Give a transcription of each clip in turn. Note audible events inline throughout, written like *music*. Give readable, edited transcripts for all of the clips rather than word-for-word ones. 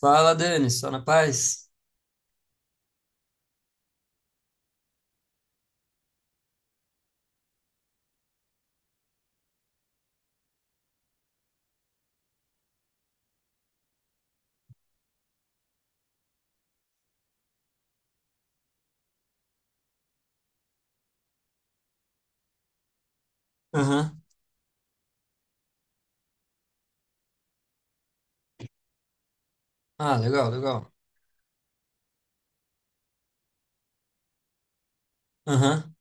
Fala, Dani, só na paz? Aham. Ah, legal, legal. Aham.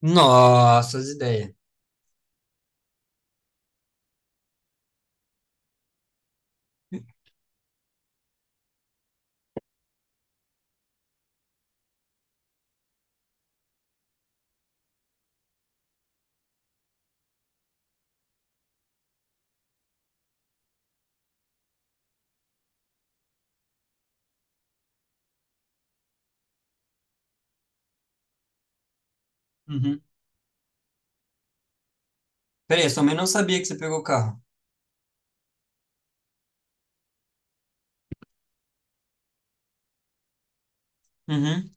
Nossa, as ideias. Uhum. Peraí, eu também não sabia que você pegou o carro. Uhum.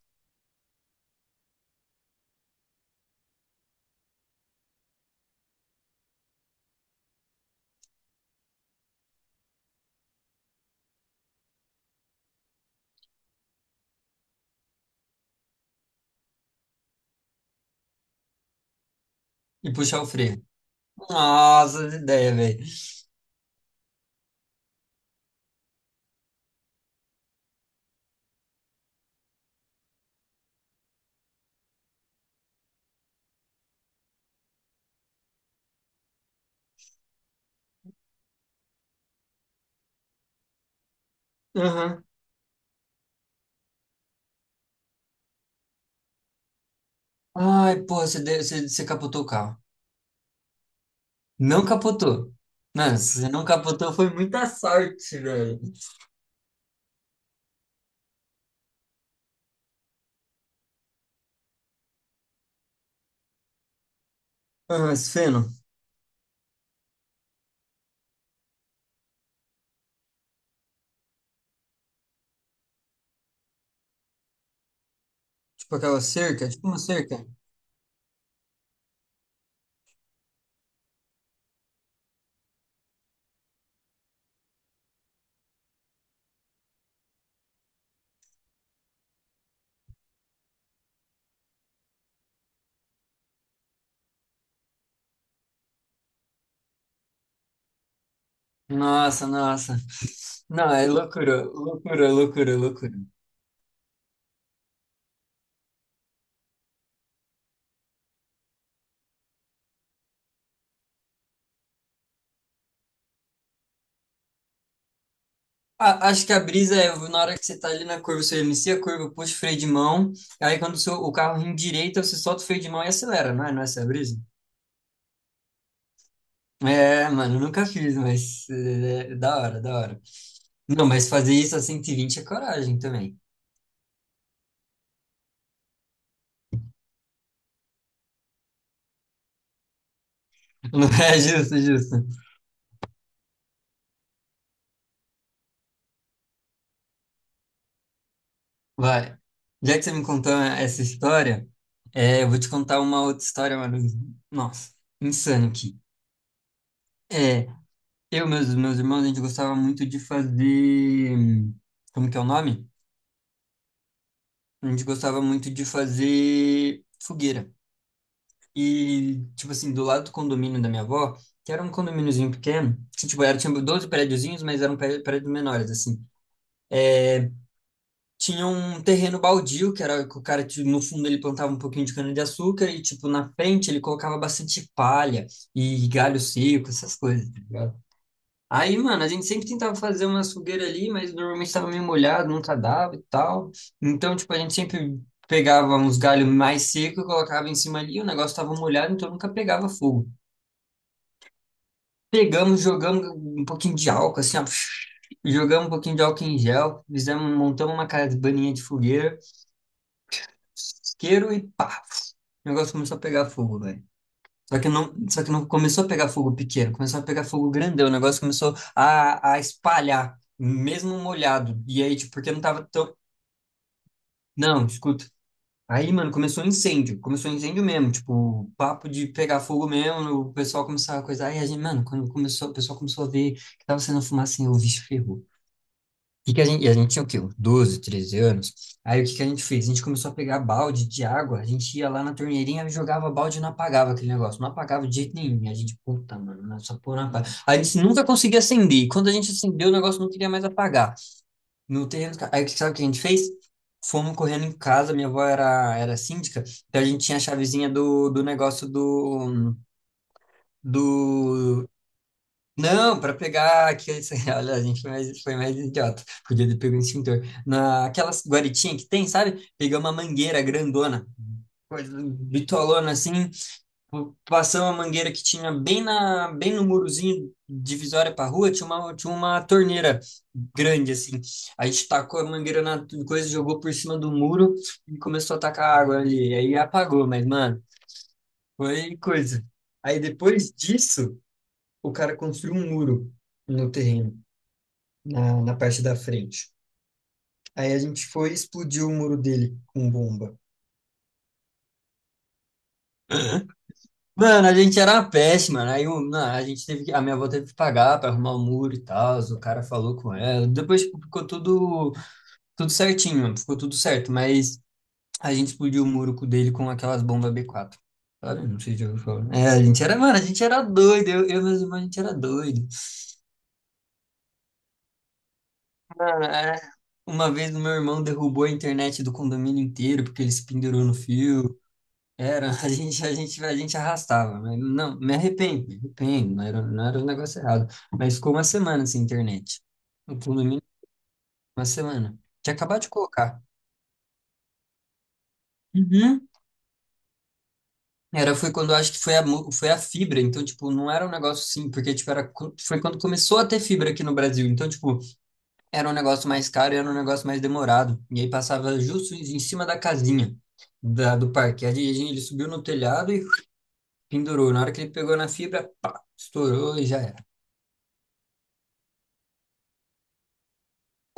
E puxar o freio. Nossa, as ideias, velho. Aham. Ai, porra, você capotou o carro. Não capotou. Mano, se você não capotou, foi muita sorte, velho. Ah, mas feno. Tipo aquela cerca, tipo uma cerca. Nossa, nossa. Não, é loucura, loucura, loucura, loucura. Acho que a brisa é na hora que você tá ali na curva, você inicia a curva, puxa o freio de mão, aí quando o carro endireita, você solta o freio de mão e acelera, não é? Não é essa a brisa? É, mano, eu nunca fiz, mas é da hora, da hora. Não, mas fazer isso a 120 é coragem também. *laughs* Não é justo, justo. Vai. Já que você me contou essa história, eu vou te contar uma outra história, mano. Nossa, insano aqui. É, eu e meus irmãos, a gente gostava muito de fazer. Como que é o nome? A gente gostava muito de fazer fogueira. E, tipo assim, do lado do condomínio da minha avó, que era um condomíniozinho pequeno, que, tipo, tinha 12 prédiozinhos, mas eram prédios menores, assim. Tinha um terreno baldio, que era que o cara, tipo, no fundo, ele plantava um pouquinho de cana-de-açúcar e, tipo, na frente ele colocava bastante palha e galho seco, essas coisas, tá ligado? Aí, mano, a gente sempre tentava fazer uma fogueira ali, mas normalmente estava meio molhado, nunca dava e tal. Então, tipo, a gente sempre pegava uns galhos mais secos, colocava em cima ali, o negócio estava molhado, então nunca pegava fogo. Pegamos, jogamos um pouquinho de álcool, assim, ó, *sniffs* jogamos um pouquinho de álcool em gel, fizemos, montamos uma cabaninha de fogueira, isqueiro e pá, o negócio começou a pegar fogo, velho. Só que não começou a pegar fogo pequeno, começou a pegar fogo grandão. O negócio começou a espalhar, mesmo molhado. E aí, tipo, porque não tava tão. Não, escuta. Aí, mano, começou um incêndio. Começou um incêndio mesmo. Tipo, papo de pegar fogo mesmo. O pessoal começou a coisa. Aí a gente, mano, quando começou, o pessoal começou a ver que tava sendo fumaça, assim, o bicho ferrou que a gente, e a gente tinha o quê? Uns 12, 13 anos. Aí o que que a gente fez? A gente começou a pegar balde de água, a gente ia lá na torneirinha, jogava balde e não apagava aquele negócio. Não apagava de jeito nenhum. E a gente, puta, mano, não, essa porra não apaga. A gente nunca conseguia acender. E quando a gente acendeu, o negócio não queria mais apagar. No terreno, sabe o que a gente fez? Fomos correndo em casa, minha avó era síndica, então a gente tinha a chavezinha do negócio do, não, para pegar aqueles. *laughs* Olha, a gente foi mais idiota. Podia ter pego um extintor. Naquelas guaritinhas que tem, sabe? Pegamos uma mangueira grandona, coisa bitolona assim. Passamos a mangueira que tinha bem, na, bem no murozinho divisória para rua, tinha uma torneira grande assim. A gente tacou a mangueira na coisa, jogou por cima do muro e começou a tacar água ali. Aí apagou, mas, mano, foi coisa. Aí depois disso, o cara construiu um muro no terreno na parte da frente. Aí a gente foi e explodiu o muro dele com bomba. Mano, a gente era uma peste, mano. Não, a minha avó teve que pagar pra arrumar o muro e tal. O cara falou com ela. Depois tipo, ficou tudo certinho, mano. Ficou tudo certo, mas a gente explodiu o muro dele com aquelas bombas B4. Sabe? Não sei se eu falo. É, a gente era, mano, a gente era doido. Eu e meus irmãos, a gente era doido. Mano, é. Uma vez o meu irmão derrubou a internet do condomínio inteiro porque ele se pendurou no fio. Era, *laughs* a gente arrastava, mas não, me arrependo, não era um negócio errado. Mas ficou uma semana sem internet. No condomínio, uma semana. Tinha acabado de colocar. Uhum. Era, foi quando eu acho que foi a fibra, então, tipo, não era um negócio assim, porque, tipo, foi quando começou a ter fibra aqui no Brasil. Então, tipo, era um negócio mais caro e era um negócio mais demorado. E aí passava justo em cima da casinha do parque. Ele subiu no telhado e pendurou. Na hora que ele pegou na fibra, pá, estourou e já era.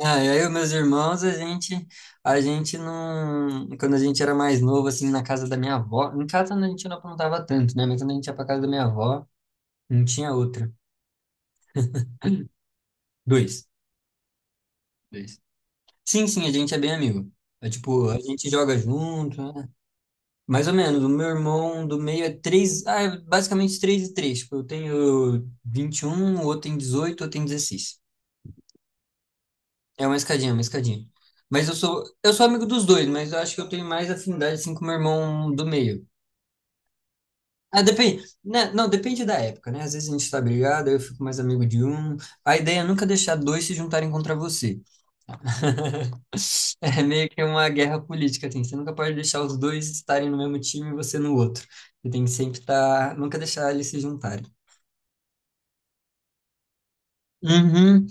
Ah, eu e meus irmãos, a gente não, quando a gente era mais novo, assim, na casa da minha avó, em casa a gente não aprontava tanto, né? Mas quando a gente ia pra casa da minha avó, não tinha outra. Dois, dois. Sim, sim, a gente é bem amigo. É tipo, a gente joga junto, né? Mais ou menos, o meu irmão do meio é basicamente três e três. Tipo, eu tenho 21, o outro tem 18, o outro tem 16. É uma escadinha, uma escadinha. Mas eu sou amigo dos dois, mas eu acho que eu tenho mais afinidade, assim, com o meu irmão do meio. Ah, depende, né, não, depende da época, né? Às vezes a gente tá brigado, aí eu fico mais amigo de um. A ideia é nunca deixar dois se juntarem contra você. *laughs* É meio que uma guerra política, assim. Você nunca pode deixar os dois estarem no mesmo time e você no outro. Você tem que sempre estar, nunca deixar eles se juntarem. Uhum.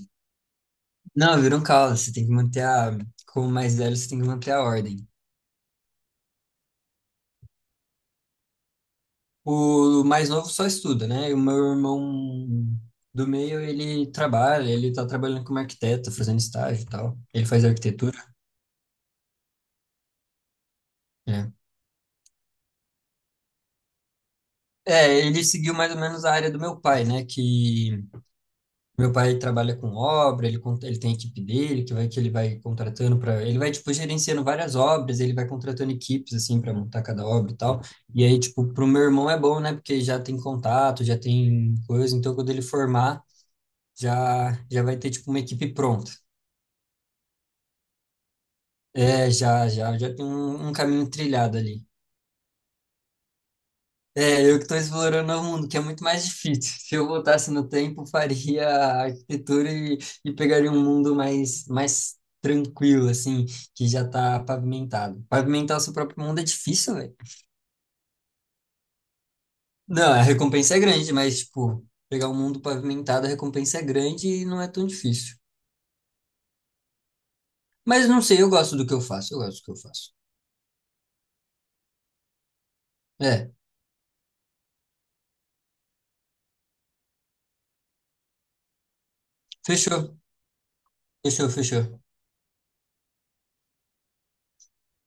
Não, virou um caos. Você tem que manter a, como mais velho, você tem que manter a ordem. O mais novo só estuda, né? E o meu irmão do meio, ele trabalha, ele tá trabalhando como arquiteto, fazendo estágio e tal. Ele faz arquitetura. É. É, ele seguiu mais ou menos a área do meu pai, né? Que meu pai trabalha com obra, ele tem a equipe dele, que vai que ele vai contratando para, ele vai tipo gerenciando várias obras, ele vai contratando equipes assim para montar cada obra e tal. E aí tipo pro meu irmão é bom, né? Porque já tem contato, já tem coisa, então quando ele formar, já já vai ter tipo uma equipe pronta. É, já já já tem um caminho trilhado ali. É, eu que estou explorando o mundo, que é muito mais difícil. Se eu voltasse no tempo, faria a arquitetura e pegaria um mundo mais, mais tranquilo, assim, que já está pavimentado. Pavimentar o seu próprio mundo é difícil, velho. Não, a recompensa é grande, mas, tipo, pegar um mundo pavimentado, a recompensa é grande e não é tão difícil. Mas não sei, eu gosto do que eu faço, eu gosto do que eu faço. É, fechou, fechou, fechou.